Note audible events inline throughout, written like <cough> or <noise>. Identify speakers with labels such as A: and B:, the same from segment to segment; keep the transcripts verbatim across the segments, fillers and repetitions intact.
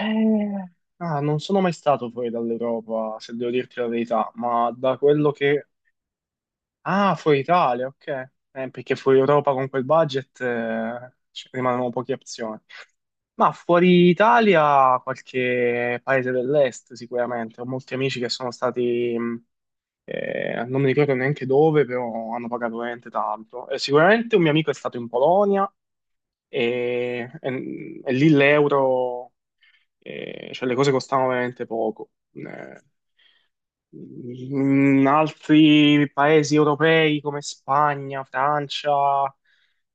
A: Eh, ah, non sono mai stato fuori dall'Europa, se devo dirti la verità, ma da quello che... Ah, fuori Italia, ok. Eh, perché fuori Europa con quel budget eh, ci rimangono poche opzioni. Ma fuori Italia, qualche paese dell'est sicuramente. Ho molti amici che sono stati, mh, eh, non mi ricordo neanche dove, però hanno pagato veramente tanto. Eh, sicuramente un mio amico è stato in Polonia e, e- e lì l'euro... Eh, cioè le cose costavano veramente poco. Eh, in altri paesi europei come Spagna, Francia,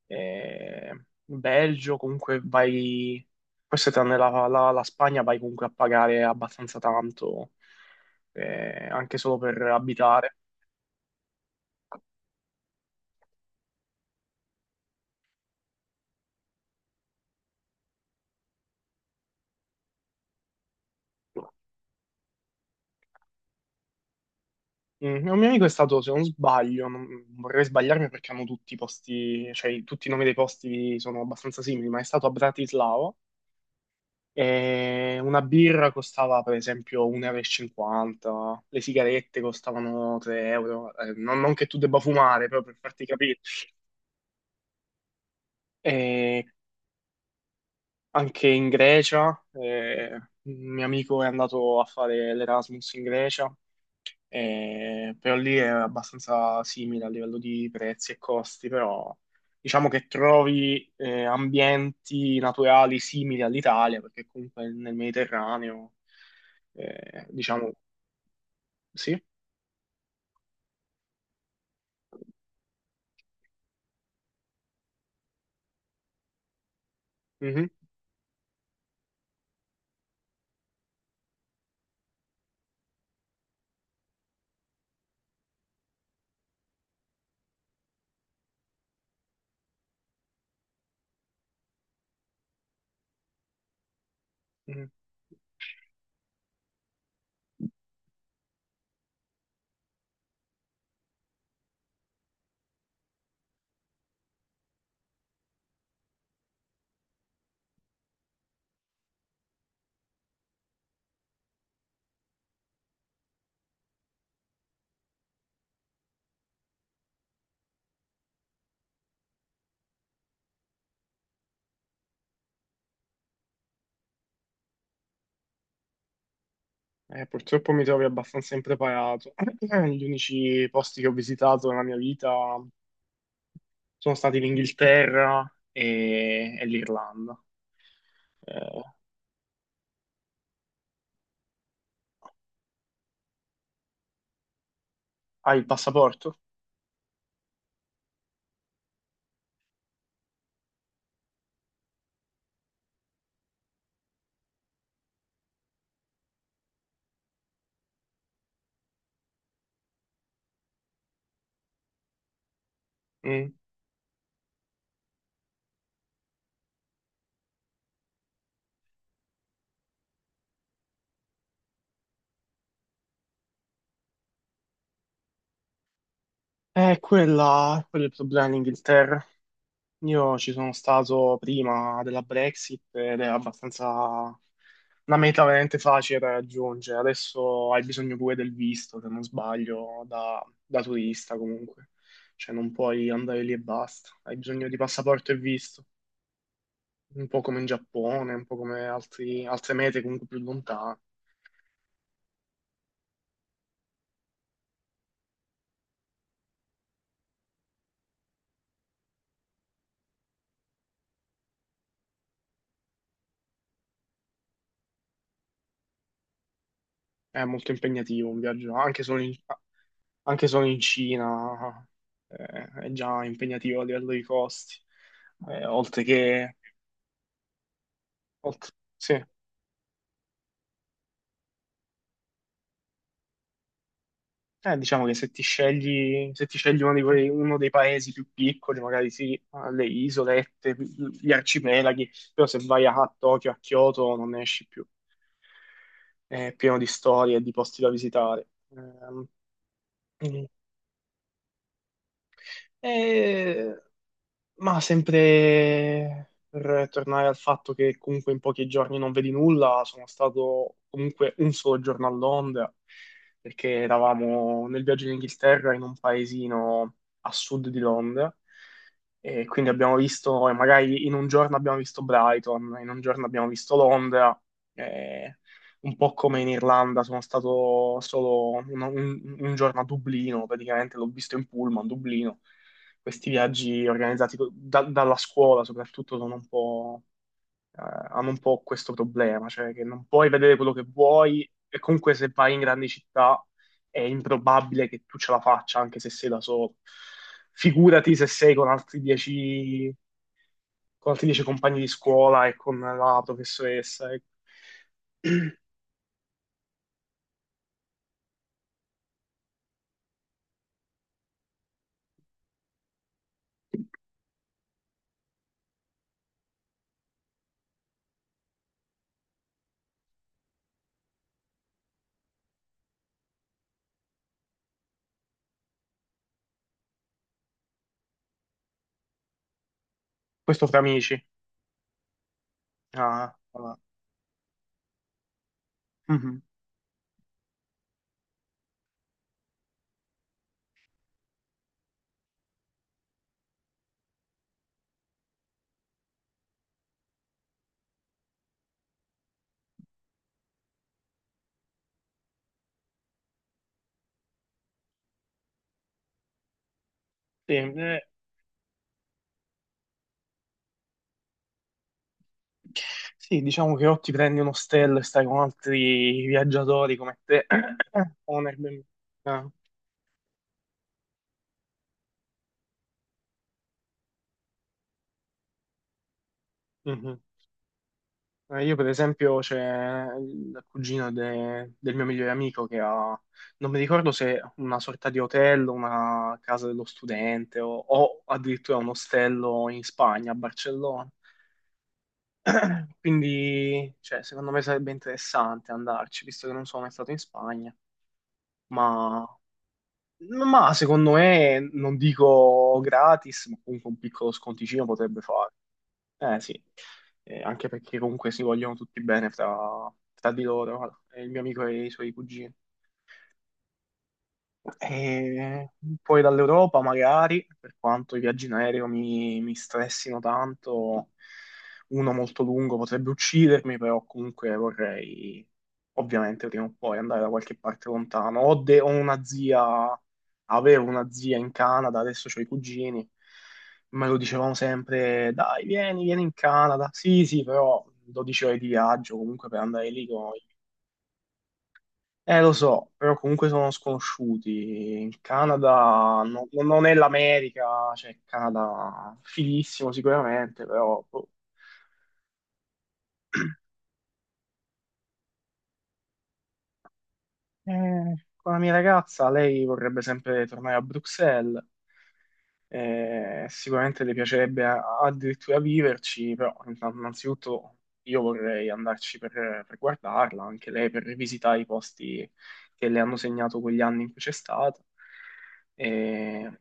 A: eh, Belgio, comunque vai, forse tranne la, la- la Spagna, vai comunque a pagare abbastanza tanto, eh, anche solo per abitare. Mm, Un mio amico è stato, se non sbaglio, non- vorrei sbagliarmi perché hanno tutti i posti, cioè tutti i nomi dei posti sono abbastanza simili, ma è stato a Bratislava. E una birra costava per esempio un euro e cinquanta, e cinquanta, le sigarette costavano tre euro, eh, non, non che tu debba fumare, però per farti capire. E anche in Grecia, eh, un mio amico è andato a fare l'Erasmus in Grecia, e, però lì è abbastanza simile a livello di prezzi e costi, però diciamo che trovi eh, ambienti naturali simili all'Italia, perché comunque nel Mediterraneo, eh, diciamo... Sì? Mhm. Mhm. Eh, purtroppo mi trovi abbastanza impreparato. <clears throat> Gli unici posti che ho visitato nella mia vita sono stati l'Inghilterra e, e l'Irlanda. Eh, hai il passaporto? Mm. Eh, quella, quello è il problema in Inghilterra. Io ci sono stato prima della Brexit ed è abbastanza una meta veramente facile da raggiungere. Adesso hai bisogno pure del visto, se non sbaglio, da, da turista comunque. Cioè non puoi andare lì e basta. Hai bisogno di passaporto e visto, un po' come in Giappone, un po' come altri- altre mete comunque più lontane. È molto impegnativo un viaggio, anche solo in, anche solo in Cina, eh, è già impegnativo a livello di costi eh, oltre che. Oltre- Sì. Eh, diciamo che se ti scegli, se ti scegli uno di quei- uno dei paesi più piccoli, magari sì, le isolette, gli arcipelaghi, però se vai a Tokyo, a Kyoto non ne esci più. È pieno di storie e di posti da visitare. Ehm, mm. E Ma sempre per tornare al fatto che comunque in pochi giorni non vedi nulla, sono stato comunque un solo giorno a Londra, perché eravamo nel viaggio in Inghilterra in un paesino a sud di Londra, e quindi abbiamo visto, e magari in un giorno abbiamo visto Brighton, in un giorno abbiamo visto Londra, e un po' come in Irlanda, sono stato solo un, un un giorno a Dublino, praticamente l'ho visto in pullman, Dublino. Questi viaggi organizzati co- da- dalla scuola soprattutto sono un po', eh, hanno un po' questo problema, cioè che non puoi vedere quello che vuoi e comunque se vai in grandi città è improbabile che tu ce la faccia anche se sei da solo. Figurati se sei con altri dieci, con altri dieci compagni di scuola e con la professoressa. e- <clears throat> Questo fra amici. Ah, ah. Mhm. Sì, eh, Sì, diciamo che o ti prendi un ostello e stai con altri viaggiatori come te, <coughs> <clears throat> o un Airbnb. Ah, mhm. Eh, Io per esempio c'è il cugino de- del mio migliore amico che ha, non mi ricordo, se una sorta di hotel, una casa dello studente o, o addirittura un ostello in Spagna, a Barcellona. <coughs> <clears throat> Quindi, cioè, secondo me sarebbe interessante andarci, visto che non sono mai stato in Spagna, ma Ma secondo me, non dico gratis, ma comunque un piccolo sconticino potrebbe fare. Eh sì, Eh, anche perché comunque si vogliono tutti bene fra, fra di loro, eh, il mio amico e i suoi cugini. E poi dall'Europa magari, per quanto i viaggi in aereo mi, mi stressino tanto, uno molto lungo potrebbe uccidermi, però comunque vorrei ovviamente prima o poi andare da qualche parte lontano. Ho, de- ho una zia, avevo una zia in Canada, adesso ho i cugini, me lo dicevamo sempre, dai, vieni, vieni in Canada. Sì, sì, però dodici ore di viaggio comunque per andare lì con eh, lo so, però comunque sono sconosciuti. Il Canada no- no- non è l'America, cioè il Canada fighissimo sicuramente, però boh. Eh, con la mia ragazza lei vorrebbe sempre tornare a Bruxelles, eh, sicuramente le piacerebbe a- addirittura viverci, però inna- innanzitutto io vorrei andarci per, per guardarla, anche lei per rivisitare i posti che le hanno segnato quegli anni in cui c'è stata. Eh,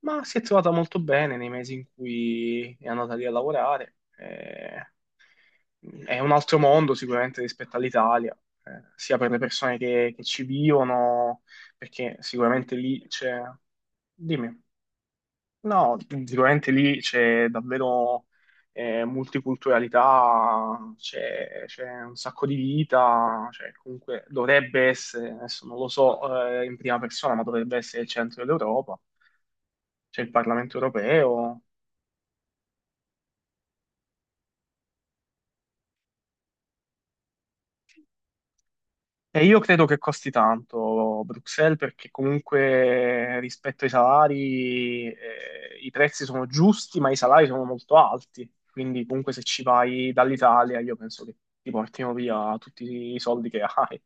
A: Ma si è trovata molto bene nei mesi in cui è andata lì a lavorare. Eh, è un altro mondo sicuramente rispetto all'Italia, eh, sia per le persone che, che ci vivono, perché sicuramente lì c'è... Dimmi, no, sicuramente lì c'è davvero eh, multiculturalità, c'è c'è un sacco di vita, cioè comunque dovrebbe essere, adesso non lo so eh, in prima persona, ma dovrebbe essere il centro dell'Europa, c'è il Parlamento europeo. E io credo che costi tanto Bruxelles perché comunque rispetto ai salari eh, i prezzi sono giusti, ma i salari sono molto alti. Quindi comunque se ci vai dall'Italia io penso che ti portino via tutti i soldi che hai.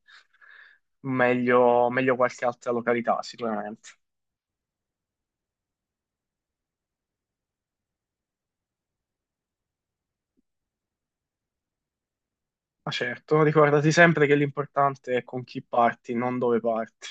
A: Meglio, meglio qualche altra località sicuramente. Ma certo, ricordati sempre che l'importante è con chi parti, non dove parti.